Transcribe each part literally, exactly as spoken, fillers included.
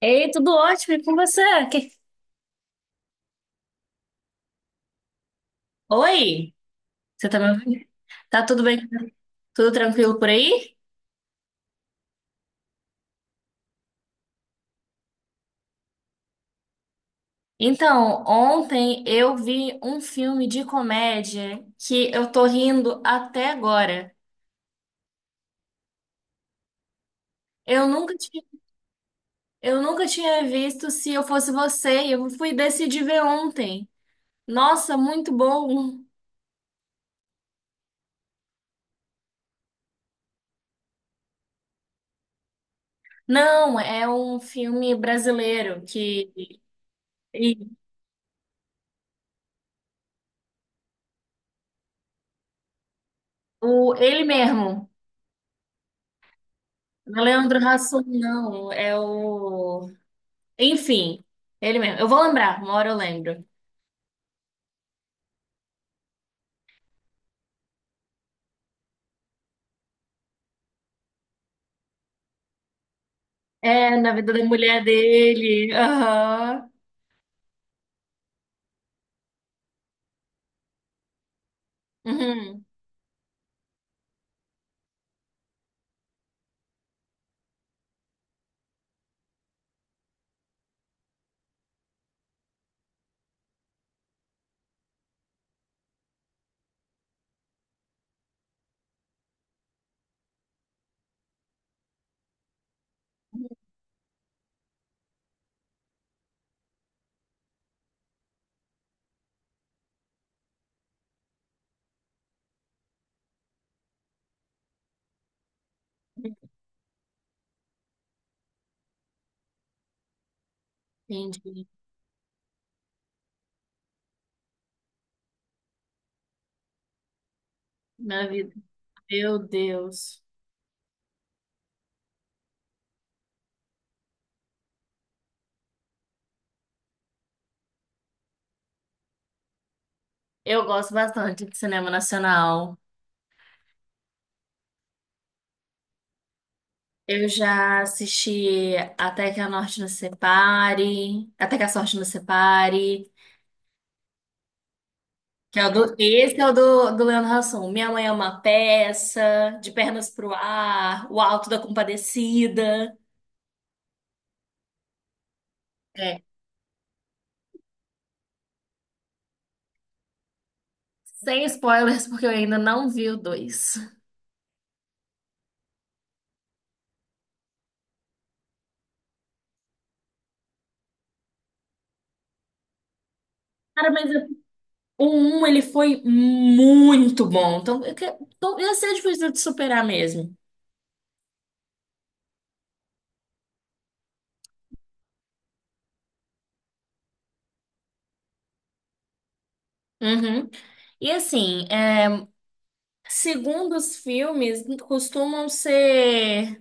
Ei, tudo ótimo, e com você? Que- Oi, você tá me ouvindo? Tá tudo bem? Tudo tranquilo por aí? Então, ontem eu vi um filme de comédia que eu tô rindo até agora. Eu nunca tinha, eu nunca tinha visto Se Eu Fosse Você, e eu fui decidir ver ontem. Nossa, muito bom! Não, é um filme brasileiro que e o ele mesmo, não é Leandro Hassum, não, é o Enfim, ele mesmo. Eu vou lembrar, uma hora eu lembro. É, na vida da mulher dele. Aham. Uhum. Entendi. Na vida. Meu Deus. Eu gosto bastante de cinema nacional. Eu já assisti Até que a Norte nos Separe, Até que a Sorte nos Separe, que é o do, esse é o do, do Leandro Hassum. Minha Mãe é uma Peça, De Pernas pro Ar, O Alto da Compadecida. É, sem spoilers, porque eu ainda não vi o dois. Cara, mas é, o um ele foi muito bom. Então, eu que- então, ia ser difícil de superar mesmo. Uhum. E assim, é, segundo os filmes, costumam ser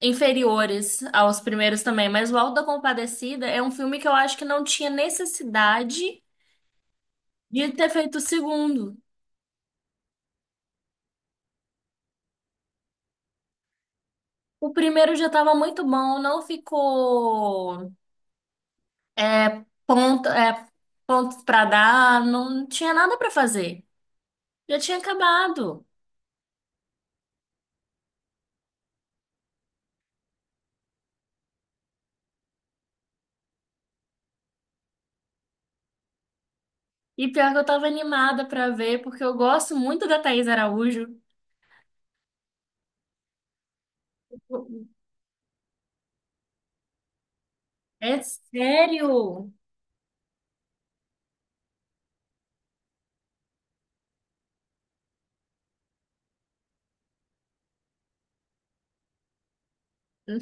inferiores aos primeiros também, mas o Auto da Compadecida é um filme que eu acho que não tinha necessidade de ter feito o segundo. O primeiro já estava muito bom, não ficou é, ponto, é, pontos para dar, não tinha nada para fazer. Já tinha acabado. E pior que eu tava animada pra ver, porque eu gosto muito da Thaís Araújo. É sério?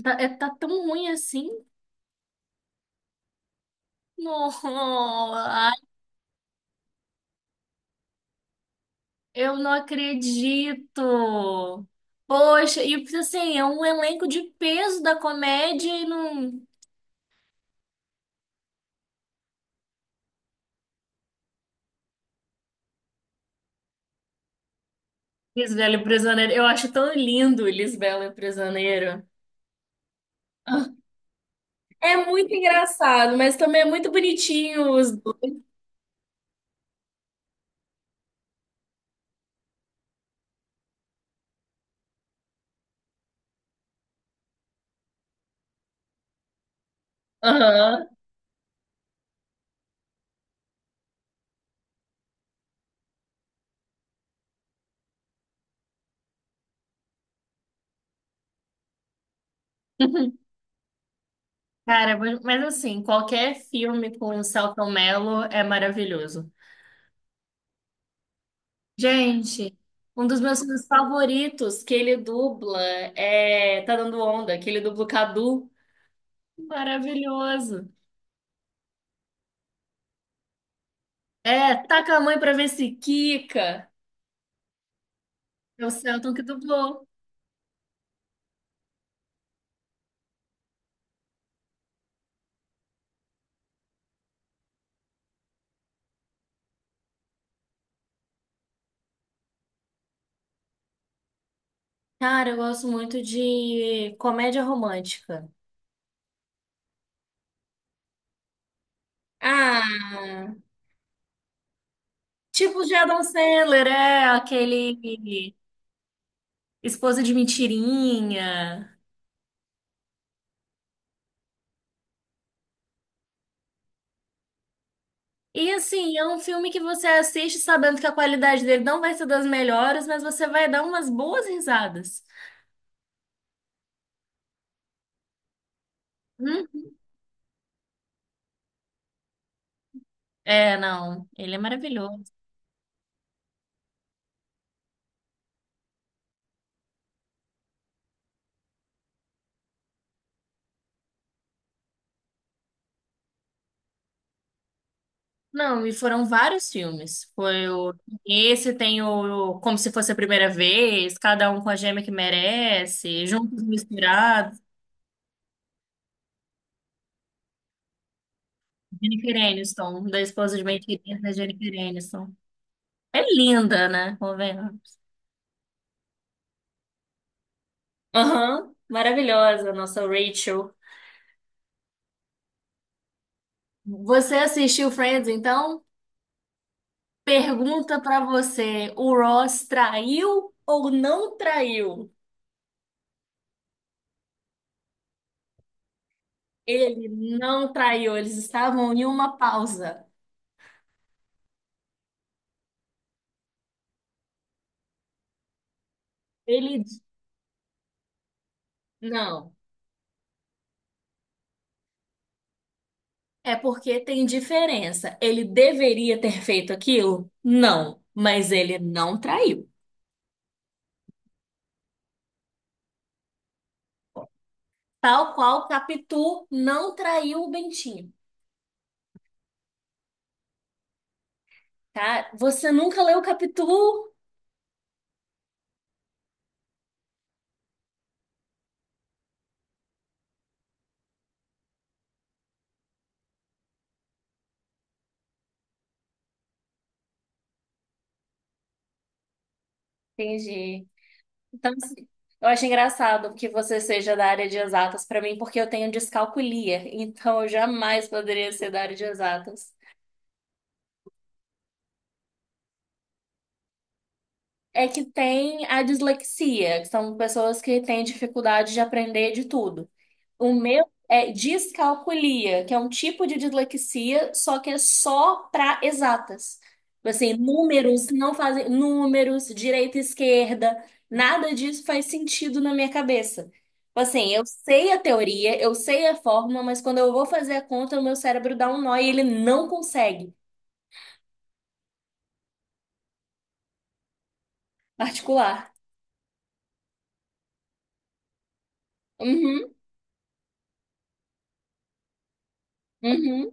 Tá, é- tá tão ruim assim? Não, ai, eu não acredito. Poxa, e tipo assim, é um elenco de peso da comédia e não. Lisbela e o Prisioneiro. Eu acho tão lindo Lisbela e o Prisioneiro. Ah, é muito engraçado, mas também é muito bonitinho os. Aham. Cara, mas mas assim, qualquer filme com o Selton Mello é maravilhoso. Gente, um dos meus filmes favoritos que ele dubla é Tá Dando Onda, que ele dubla o Cadu. Maravilhoso. É, Taca a mãe pra ver se quica. É o Selton que dublou. Cara, eu gosto muito de comédia romântica. Ah, tipo de Adam Sandler, é aquele Esposa de Mentirinha. E assim, é um filme que você assiste sabendo que a qualidade dele não vai ser das melhores, mas você vai dar umas boas risadas. Hum? É, não, ele é maravilhoso. Não, e foram vários filmes. Foi o esse tem o Como se fosse a primeira vez, Cada um com a gêmea que merece, Juntos Misturados, Jennifer Aniston, da esposa de bem da Jennifer Aniston. É linda, né? Convenhamos. Aham, maravilhosa, nossa Rachel. Você assistiu Friends, então? Pergunta pra você, o Ross traiu ou não traiu? Ele não traiu, eles estavam em uma pausa. Ele não. É porque tem diferença. Ele deveria ter feito aquilo? Não, mas ele não traiu. Tal qual Capitu não traiu o Bentinho, tá? Você nunca leu Capitu? Entendi. Então, assim, eu, acho engraçado que você seja da área de exatas para mim, porque eu tenho descalculia, então eu jamais poderia ser da área de exatas. É que tem a dislexia, que são pessoas que têm dificuldade de aprender de tudo. O meu é descalculia, que é um tipo de dislexia, só que é só para exatas. Assim, números não fazem números, direita e esquerda, nada disso faz sentido na minha cabeça. Assim, eu sei a teoria, eu sei a fórmula, mas quando eu vou fazer a conta, o meu cérebro dá um nó e ele não consegue articular. Uhum, uhum.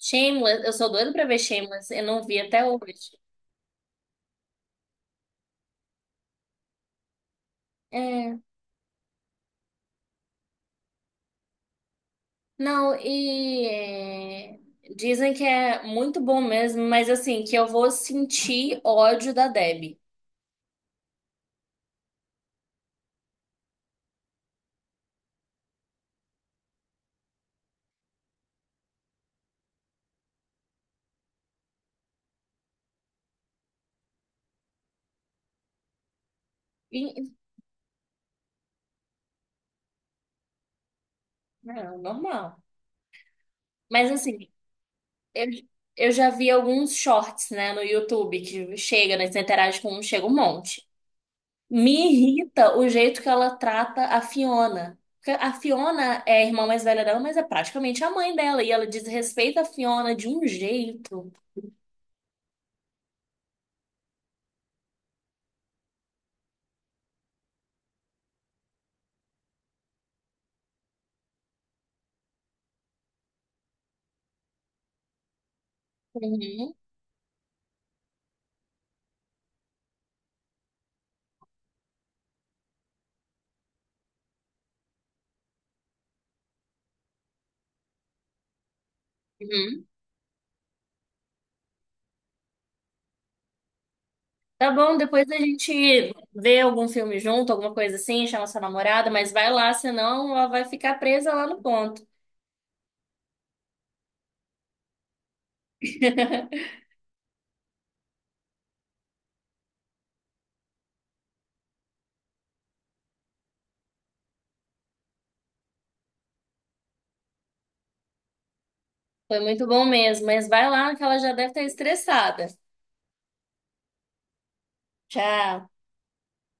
Shameless, eu sou doida pra ver Shameless, eu não vi até hoje. É, não, e é, dizem que é muito bom mesmo, mas assim, que eu vou sentir ódio da Debbie. E- não, normal. Mas assim, eu, eu já vi alguns shorts, né, no YouTube que chega, né, você interage com um, chega um monte. Me irrita o jeito que ela trata a Fiona. Porque a Fiona é a irmã mais velha dela, mas é praticamente a mãe dela. E ela desrespeita a Fiona de um jeito. Uhum, uhum. Tá bom, depois a gente vê algum filme junto, alguma coisa assim, chama sua namorada, mas vai lá, senão ela vai ficar presa lá no ponto. Foi muito bom mesmo, mas vai lá que ela já deve estar estressada. Tchau.